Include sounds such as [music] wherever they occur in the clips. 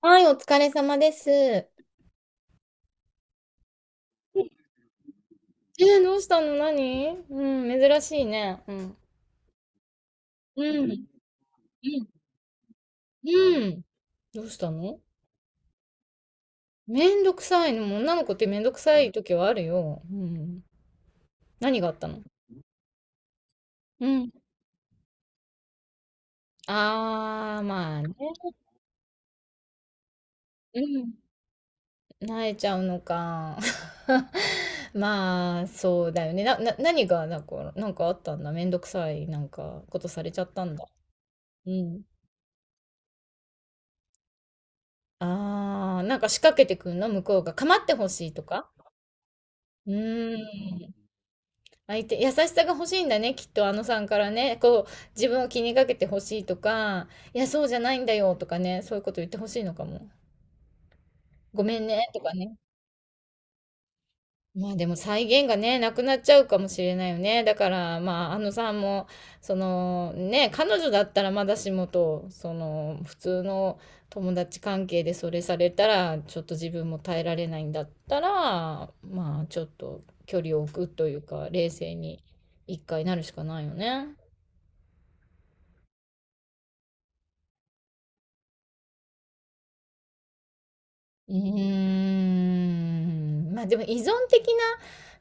はい、お疲れ様です。どうしたの。何、うん、珍しいね。うん。うん。うん。うん。どうしたの。めんどくさいの。もう女の子ってめんどくさい時はあるよ。うん。何があったの。うん。あー、まあね。うん。泣いちゃうのか。[laughs] まあ、そうだよね。何が、なんか、なんかあったんだ。めんどくさい、なんか、ことされちゃったんだ。うん。ああ、なんか仕掛けてくんの、向こうが。構ってほしいとか。うーん。相手、優しさが欲しいんだね、きっとあのさんからね。こう、自分を気にかけて欲しいとか、いや、そうじゃないんだよとかね、そういうこと言って欲しいのかも。ごめんねとかね。まあでも再現がね、なくなっちゃうかもしれないよね。だからまあ、あのさんも、そのね、彼女だったらまだしもと、その普通の友達関係でそれされたら、ちょっと自分も耐えられないんだったら、まあちょっと距離を置くというか、冷静に一回なるしかないよね。うーん、まあでも依存的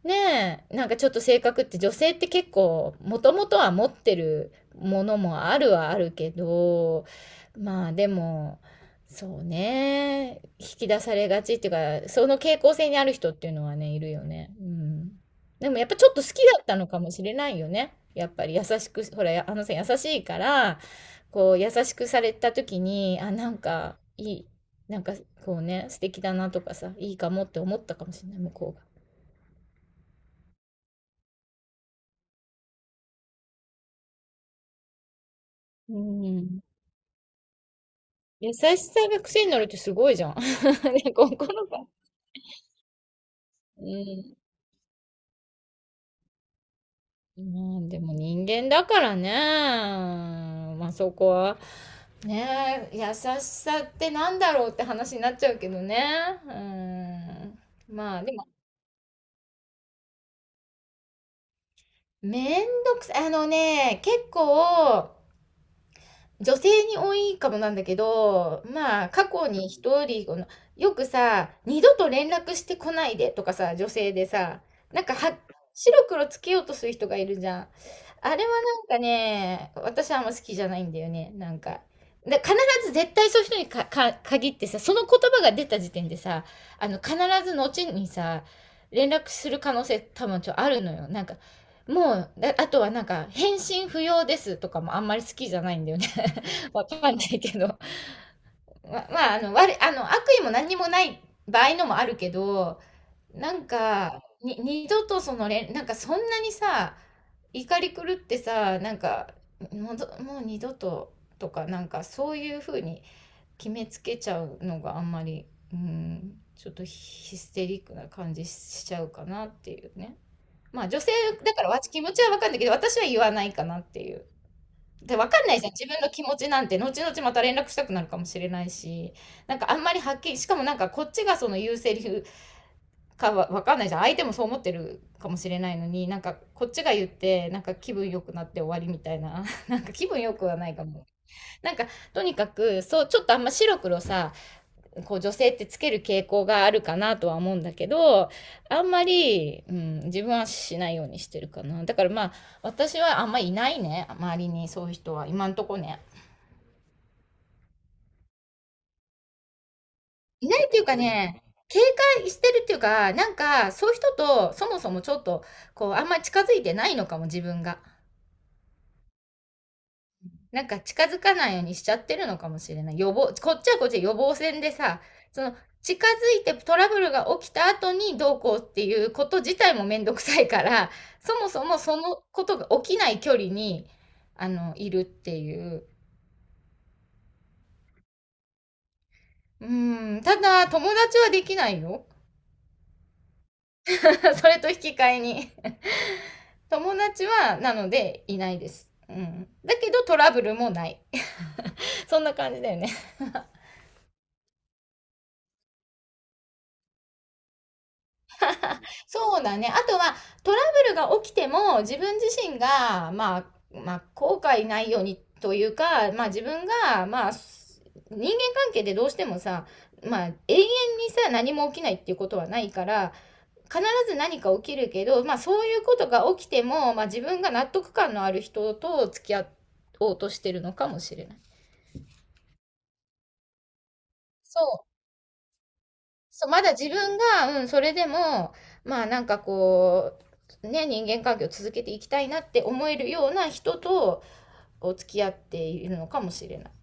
なねえ、なんかちょっと性格って女性って結構もともとは持ってるものもあるはあるけど、まあでも、そうね、引き出されがちっていうか、その傾向性にある人っていうのはね、いるよね。うん。でもやっぱちょっと好きだったのかもしれないよね。やっぱり優しく、ほら、やあのさん優しいから、こう優しくされた時に、あ、なんかいい。なんかこうね、素敵だなとかさ、いいかもって思ったかもしれない、向こうが。うん。優しさが癖になるってすごいじゃん。[laughs] ね、心が。うん。まあでも人間だからね。まあそこは。ねえ、優しさってなんだろうって話になっちゃうけどね。うん。まあでも、めんどくさい。ね、結構、女性に多いかもなんだけど、まあ、過去に一人この、よくさ、二度と連絡してこないでとかさ、女性でさ、なんかは、白黒つけようとする人がいるじゃん。あれはなんかね、私はあんま好きじゃないんだよね、なんか。で、必ず絶対そういう人に限ってさ、その言葉が出た時点でさ、あの、必ず後にさ、連絡する可能性多分ちょあるのよ。なんか、もう、だあとはなんか、返信不要ですとかもあんまり好きじゃないんだよね。わかんないけど [laughs]。まあ、あの、悪意も何にもない場合のもあるけど、なんか、二度とその連、なんかそんなにさ、怒り狂ってさ、なんか、もう二度ととか、なんかそういうふうに決めつけちゃうのがあんまり、うん、ちょっとヒステリックな感じしちゃうかなっていうね。まあ女性だからわ気持ちはわかんないけど、私は言わないかなっていう。で、わかんないじゃん。自分の気持ちなんて、後々また連絡したくなるかもしれないし、なんかあんまりはっきり、しかもなんかこっちがその言うセリフかはわかんないじゃん。相手もそう思ってるかもしれないのに、なんかこっちが言って、なんか気分良くなって終わりみたいな。[laughs] なんか気分良くはないかも。なんかとにかく、そう、ちょっとあんま白黒さ、こう女性ってつける傾向があるかなとは思うんだけど、あんまり、うん、自分はしないようにしてるかな。だからまあ、私はあんまいないね。周りにそういう人は。今んとこね。いないっていうかね、警戒してるっていうか、なんか、そういう人と、そもそもちょっと、こう、あんまり近づいてないのかも、自分が。なんか、近づかないようにしちゃってるのかもしれない。予防、こっちはこっちで予防線でさ、その、近づいてトラブルが起きた後にどうこうっていうこと自体もめんどくさいから、そもそもそのことが起きない距離に、あの、いるっていう。うん、ただ、友達はできないよ。[laughs] それと引き換えに。友達は、なので、いないです。うん。だけど、トラブルもない [laughs]。そんな感じだよね。 [laughs]。そうだね。あとは、トラブルが起きても、自分自身が、まあ、まあ、後悔ないようにというか、まあ、自分が、まあ、人間関係でどうしてもさ、まあ、永遠にさ、何も起きないっていうことはないから、必ず何か起きるけど、まあ、そういうことが起きても、まあ、自分が納得感のある人と付き合おうとしてるのかもしれない。そう。そう、まだ自分が、うん、それでも、まあなんかこう、ね、人間関係を続けていきたいなって思えるような人とお付き合っているのかもしれない。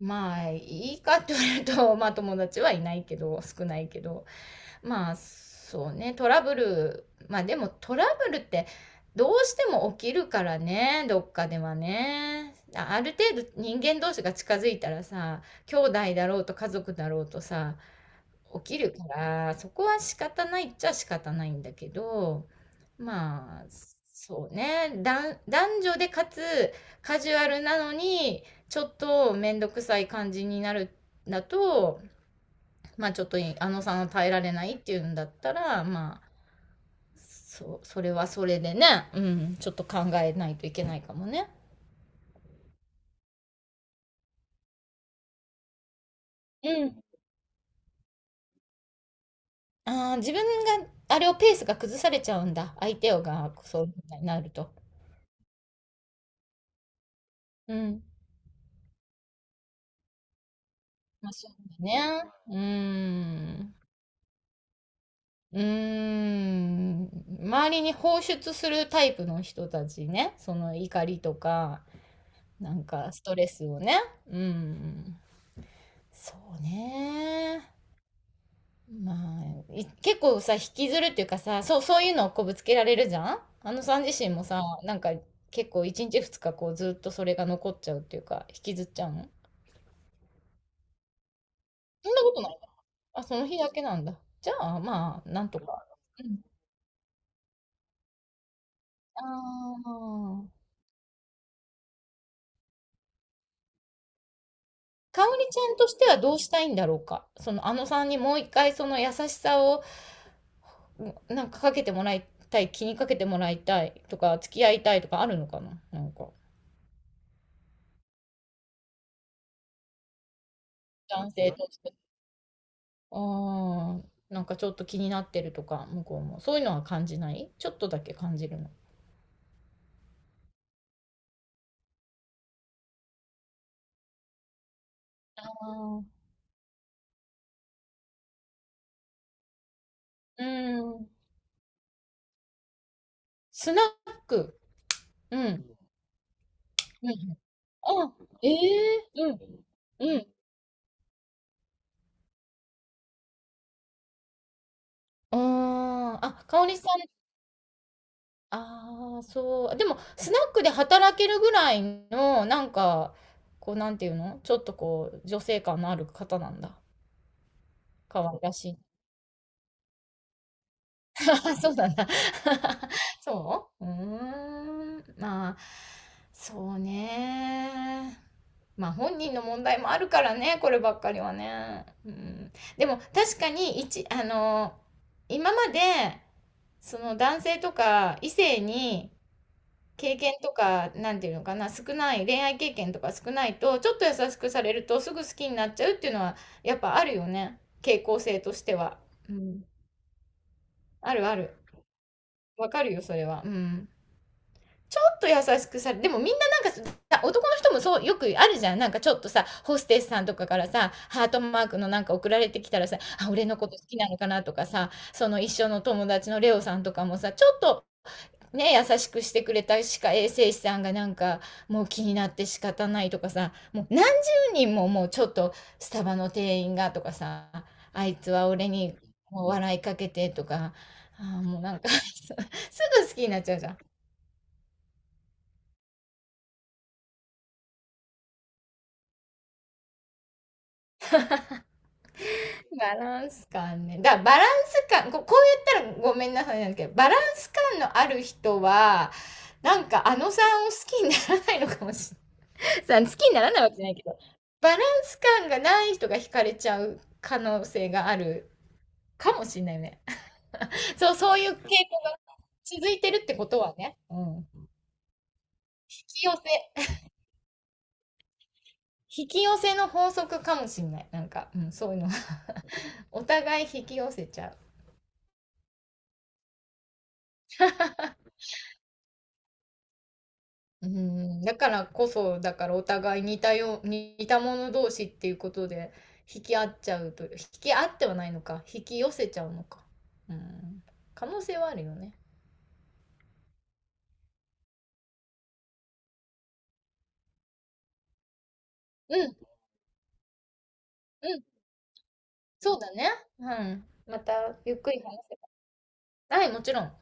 まあ、いいかというと、[laughs] まあ友達はいないけど、少ないけど、まあそうね、トラブル、まあでもトラブルってどうしても起きるからね、どっかではね。ある程度人間同士が近づいたらさ、兄弟だろうと家族だろうとさ、起きるから、そこは仕方ないっちゃ仕方ないんだけど、まあ、そうね、男女でかつカジュアルなのに、ちょっと面倒くさい感じになるんだと、まあちょっとあのさんは耐えられないっていうんだったら、まあ、そう、それはそれでね、うん、ちょっと考えないといけないかもね。うん。ああ、自分が、あれをペースが崩されちゃうんだ。相手をが、そういうふうになると。うん。まあ、そうだね。うーん。うーん。周りに放出するタイプの人たちね。その怒りとか、なんかストレスをね。うん。そうね。まあ、結構さ、引きずるっていうかさ、そう、そういうのをこうぶつけられるじゃん、あのさん自身もさ、なんか結構1日2日こうずっとそれが残っちゃうっていうか、引きずっちゃうの。そんなことない。あ、その日だけなんだ。じゃあ、まあ、なんとか。ああ。かおりちゃんとしてはどうしたいんだろうか。その、あのさんにもう一回その優しさを、なんかかけてもらいたい、気にかけてもらいたいとか、付き合いたいとかあるのかな、なんか、男性として。ああ。なんかちょっと気になってるとか、向こうも。そういうのは感じない、ちょっとだけ感じるの。ああ。うん。スナック。うん。うん。あ、ええ、うん。うん。ああ。あ、かおりさん。ああ、そう。でも、スナックで働けるぐらいの、なんか、こう、なんていうのちょっとこう、女性感のある方なんだ。可愛らしい。[laughs] そうなんだ。[laughs] そう、うーん。まあ、そうね。まあ、本人の問題もあるからね、こればっかりはね。うん。でも、確かに、あの、今まで、その男性とか異性に、経験とか、なんていうのかな、少ない、恋愛経験とか少ないと、ちょっと優しくされるとすぐ好きになっちゃうっていうのは、やっぱあるよね。傾向性としては。うん。あるある。わかるよ、それは。うん。ちょっと優しくされ、でもみんななんかさ、男の人もそう、よくあるじゃん。なんかちょっとさ、ホステスさんとかからさ、ハートマークのなんか送られてきたらさ、あ、俺のこと好きなのかなとかさ、その一緒の友達のレオさんとかもさ、ちょっとね、優しくしてくれた歯科衛生士さんがなんかもう気になって仕方ないとかさ、もう何十人も、もうちょっとスタバの店員がとかさ、あいつは俺にもう笑いかけてとか、あーもうなんか [laughs] すぐ好きになっちゃうじゃん。バランス感ね。だからバランス感こう言ったらごめんなさいなんだけど、バランス感のある人はなんかあのさんを好きにならないのかもし、さ、好きにならないわけじゃないけど、バランス感がない人が惹かれちゃう可能性があるかもしれないね。[laughs] そう、そういう傾向が続いてるってことはね、うん。引き寄せ。引き寄せの法則かもしれない。なんか、うん、そういうの。[laughs] お互い引き寄せちゃう。[laughs] うん、だからこそ、だからお互い似た者同士っていうことで、引き合ってはないのか、引き寄せちゃうのか。うん、可能性はあるよね。うん、うん。そうだね。うん。またゆっくり話せば、はい、もちろん。